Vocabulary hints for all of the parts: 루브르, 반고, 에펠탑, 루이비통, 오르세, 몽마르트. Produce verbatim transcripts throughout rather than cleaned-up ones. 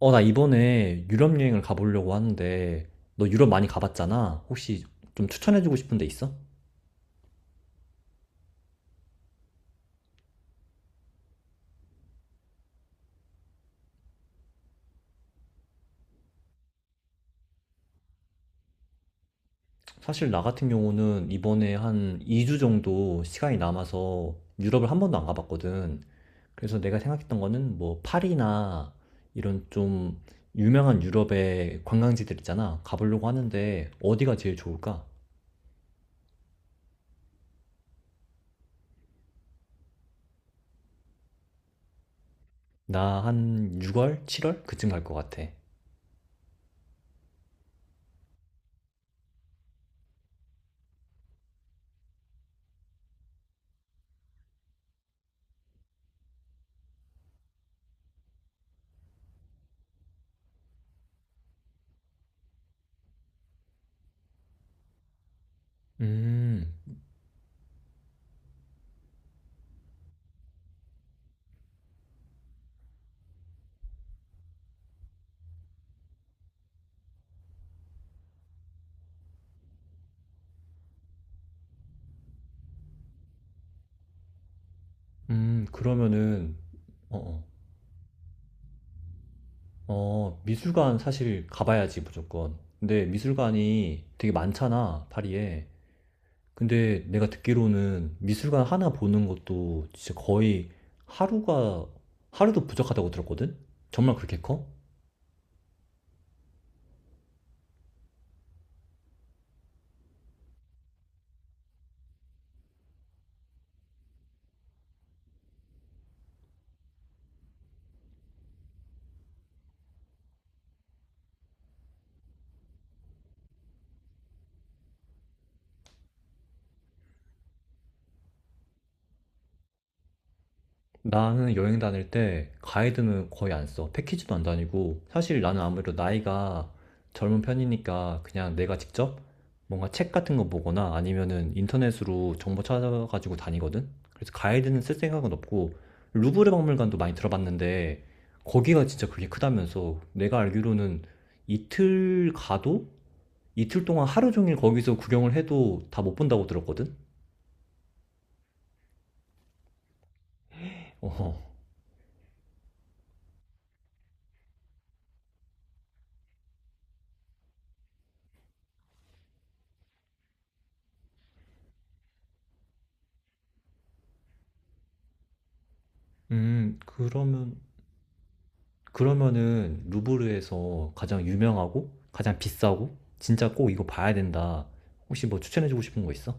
어, 나 이번에 유럽 여행을 가보려고 하는데, 너 유럽 많이 가봤잖아. 혹시 좀 추천해주고 싶은 데 있어? 사실 나 같은 경우는 이번에 한 이 주 정도 시간이 남아서 유럽을 한 번도 안 가봤거든. 그래서 내가 생각했던 거는 뭐 파리나 이런 좀 유명한 유럽의 관광지들 있잖아. 가보려고 하는데 어디가 제일 좋을까? 나 한 유월, 칠월 그쯤 갈 것 같아. 음, 음, 그러면은, 어, 어. 어, 미술관 사실 가봐야지, 무조건. 근데 미술관이 되게 많잖아, 파리에. 근데 내가 듣기로는 미술관 하나 보는 것도 진짜 거의 하루가, 하루도 부족하다고 들었거든? 정말 그렇게 커? 나는 여행 다닐 때 가이드는 거의 안 써. 패키지도 안 다니고. 사실 나는 아무래도 나이가 젊은 편이니까 그냥 내가 직접 뭔가 책 같은 거 보거나 아니면은 인터넷으로 정보 찾아가지고 다니거든? 그래서 가이드는 쓸 생각은 없고, 루브르 박물관도 많이 들어봤는데, 거기가 진짜 그게 크다면서 내가 알기로는 이틀 가도 이틀 동안 하루 종일 거기서 구경을 해도 다 못 본다고 들었거든? 어, 음, 그러면 그러면은 루브르에서 가장 유명하고 가장 비싸고 진짜 꼭 이거 봐야 된다. 혹시 뭐 추천해주고 싶은 거 있어?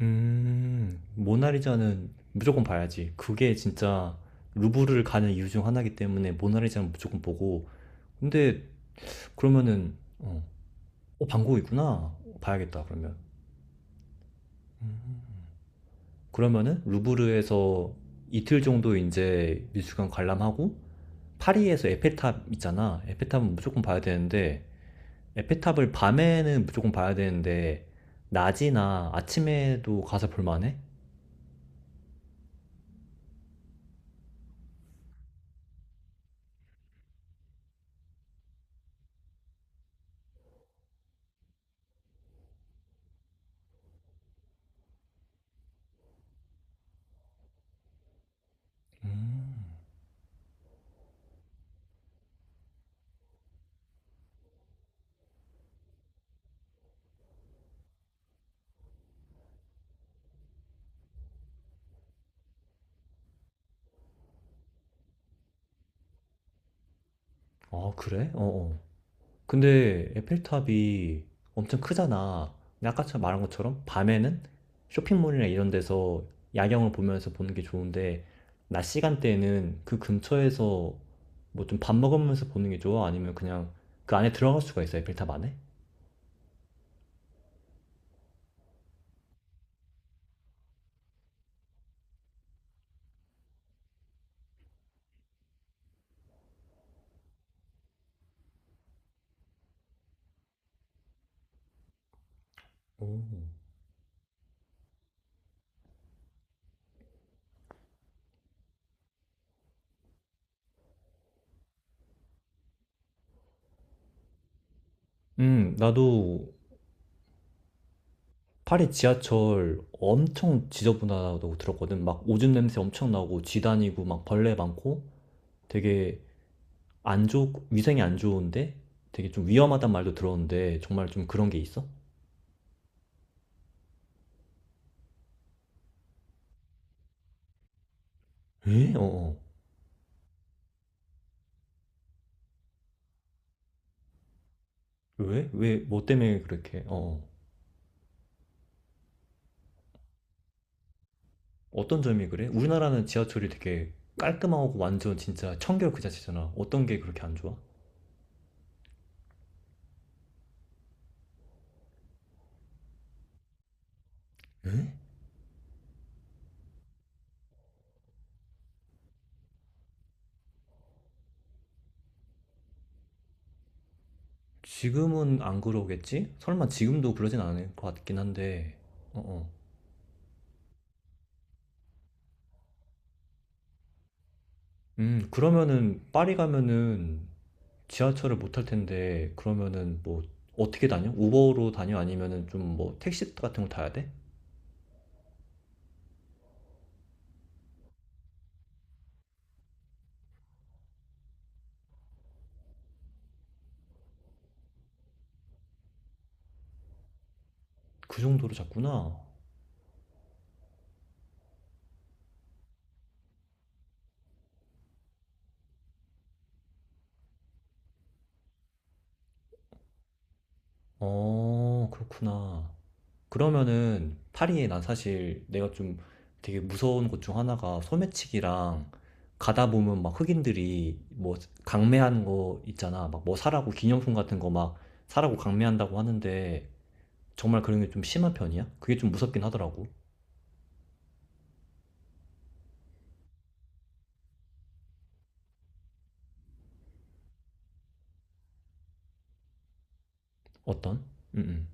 음, 모나리자는 무조건 봐야지. 그게 진짜 루브르를 가는 이유 중 하나이기 때문에 모나리자는 무조건 보고. 근데 그러면은 어, 어, 반고이구나. 봐야겠다. 그러면. 음. 그러면은 루브르에서 이틀 정도 이제 미술관 관람하고 파리에서 에펠탑 있잖아. 에펠탑은 무조건 봐야 되는데 에펠탑을 밤에는 무조건 봐야 되는데 낮이나 아침에도 가서 볼만해? 아 그래? 어어. 근데 에펠탑이 엄청 크잖아. 근데 아까 처럼 말한 것처럼 밤에는 쇼핑몰이나 이런 데서 야경을 보면서 보는 게 좋은데 낮 시간대에는 그 근처에서 뭐 좀 밥 먹으면서 보는 게 좋아? 아니면 그냥 그 안에 들어갈 수가 있어? 에펠탑 안에? 오. 음, 나도 파리 지하철 엄청 지저분하다고 들었거든. 막 오줌 냄새 엄청 나고 쥐다니고 막 벌레 많고 되게 안 좋, 위생이 안 좋은데 되게 좀 위험하단 말도 들었는데 정말 좀 그런 게 있어? 에? 어, 어. 왜? 왜? 뭐 때문에 그렇게? 어. 어. 어떤 점이 그래? 우리나라는 지하철이 되게 깔끔하고 완전 진짜 청결 그 자체잖아. 어떤 게 그렇게 안 좋아? 에? 지금은 안 그러겠지? 설마 지금도 그러진 않을 것 같긴 한데. 어, 어. 음, 그러면은 파리 가면은 지하철을 못 탈 텐데 그러면은 뭐 어떻게 다녀? 우버로 다녀? 아니면은 좀 뭐 택시 같은 걸 타야 돼? 그 정도로 잡구나. 어, 그렇구나. 그러면은 파리에 난 사실 내가 좀 되게 무서운 것 중 하나가 소매치기랑 가다 보면 막 흑인들이 뭐 강매하는 거 있잖아. 막 뭐 사라고 기념품 같은 거 막 사라고 강매한다고 하는데 정말 그런 게 좀 심한 편이야? 그게 좀 무섭긴 하더라고. 어떤? 음응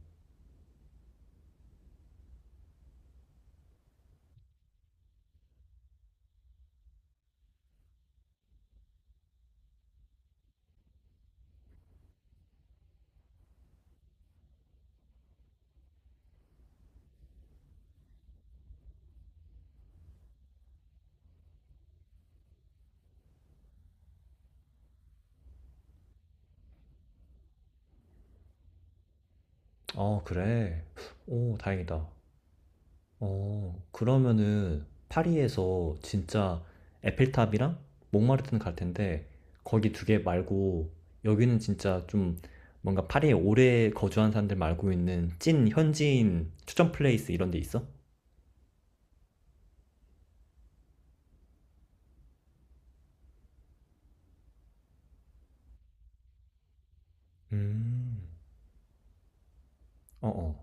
아 그래. 오 다행이다. 어 그러면은 파리에서 진짜 에펠탑이랑 몽마르트는 갈 텐데 거기 두 개 말고 여기는 진짜 좀 뭔가 파리에 오래 거주한 사람들 말고 있는 찐 현지인 추천 플레이스 이런 데 있어? 음. 어어.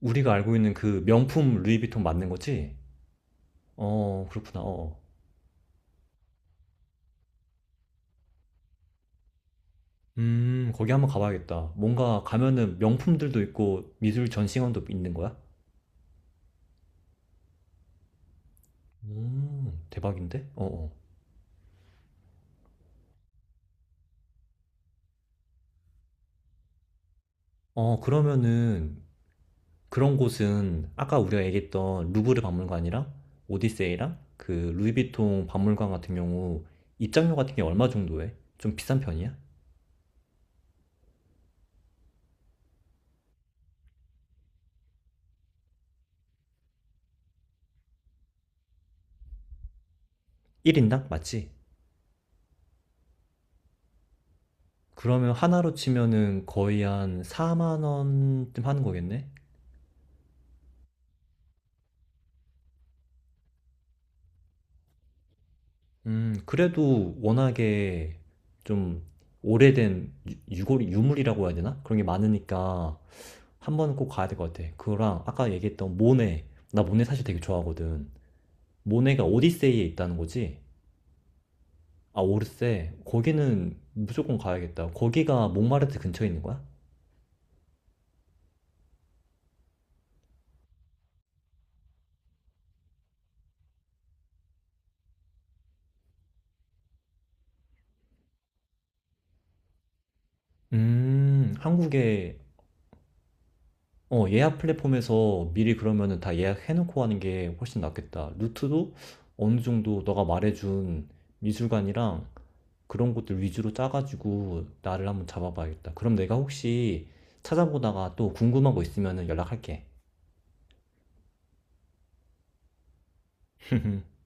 우리가 알고 있는 그 명품 루이비통 맞는 거지? 어 그렇구나. 어어. 음, 거기 한번 가봐야겠다. 뭔가 가면은 명품들도 있고 미술 전시관도 있는 거야? 음, 대박인데? 어어. 어, 어, 그러면은 그런 곳은 아까 우리가 얘기했던 루브르 박물관이랑 오디세이랑 그 루이비통 박물관 같은 경우 입장료 같은 게 얼마 정도 해? 좀 비싼 편이야? 일 인당? 맞지? 그러면 하나로 치면은 거의 한 사만 원쯤 하는 거겠네? 음, 그래도 워낙에 좀 오래된 유, 유골, 유물이라고 해야 되나? 그런 게 많으니까 한 번은 꼭 가야 될 것 같아. 그거랑 아까 얘기했던 모네. 나 모네 사실 되게 좋아하거든. 모네가 오디세이에 있다는 거지? 아, 오르세. 거기는 무조건 가야겠다. 거기가 몽마르트 근처에 있는 거야? 음, 한국에 어, 예약 플랫폼에서 미리 그러면은 다 예약해놓고 하는 게 훨씬 낫겠다. 루트도 어느 정도 너가 말해준 미술관이랑 그런 곳들 위주로 짜가지고 나를 한번 잡아봐야겠다. 그럼 내가 혹시 찾아보다가 또 궁금한 거 있으면은 연락할게.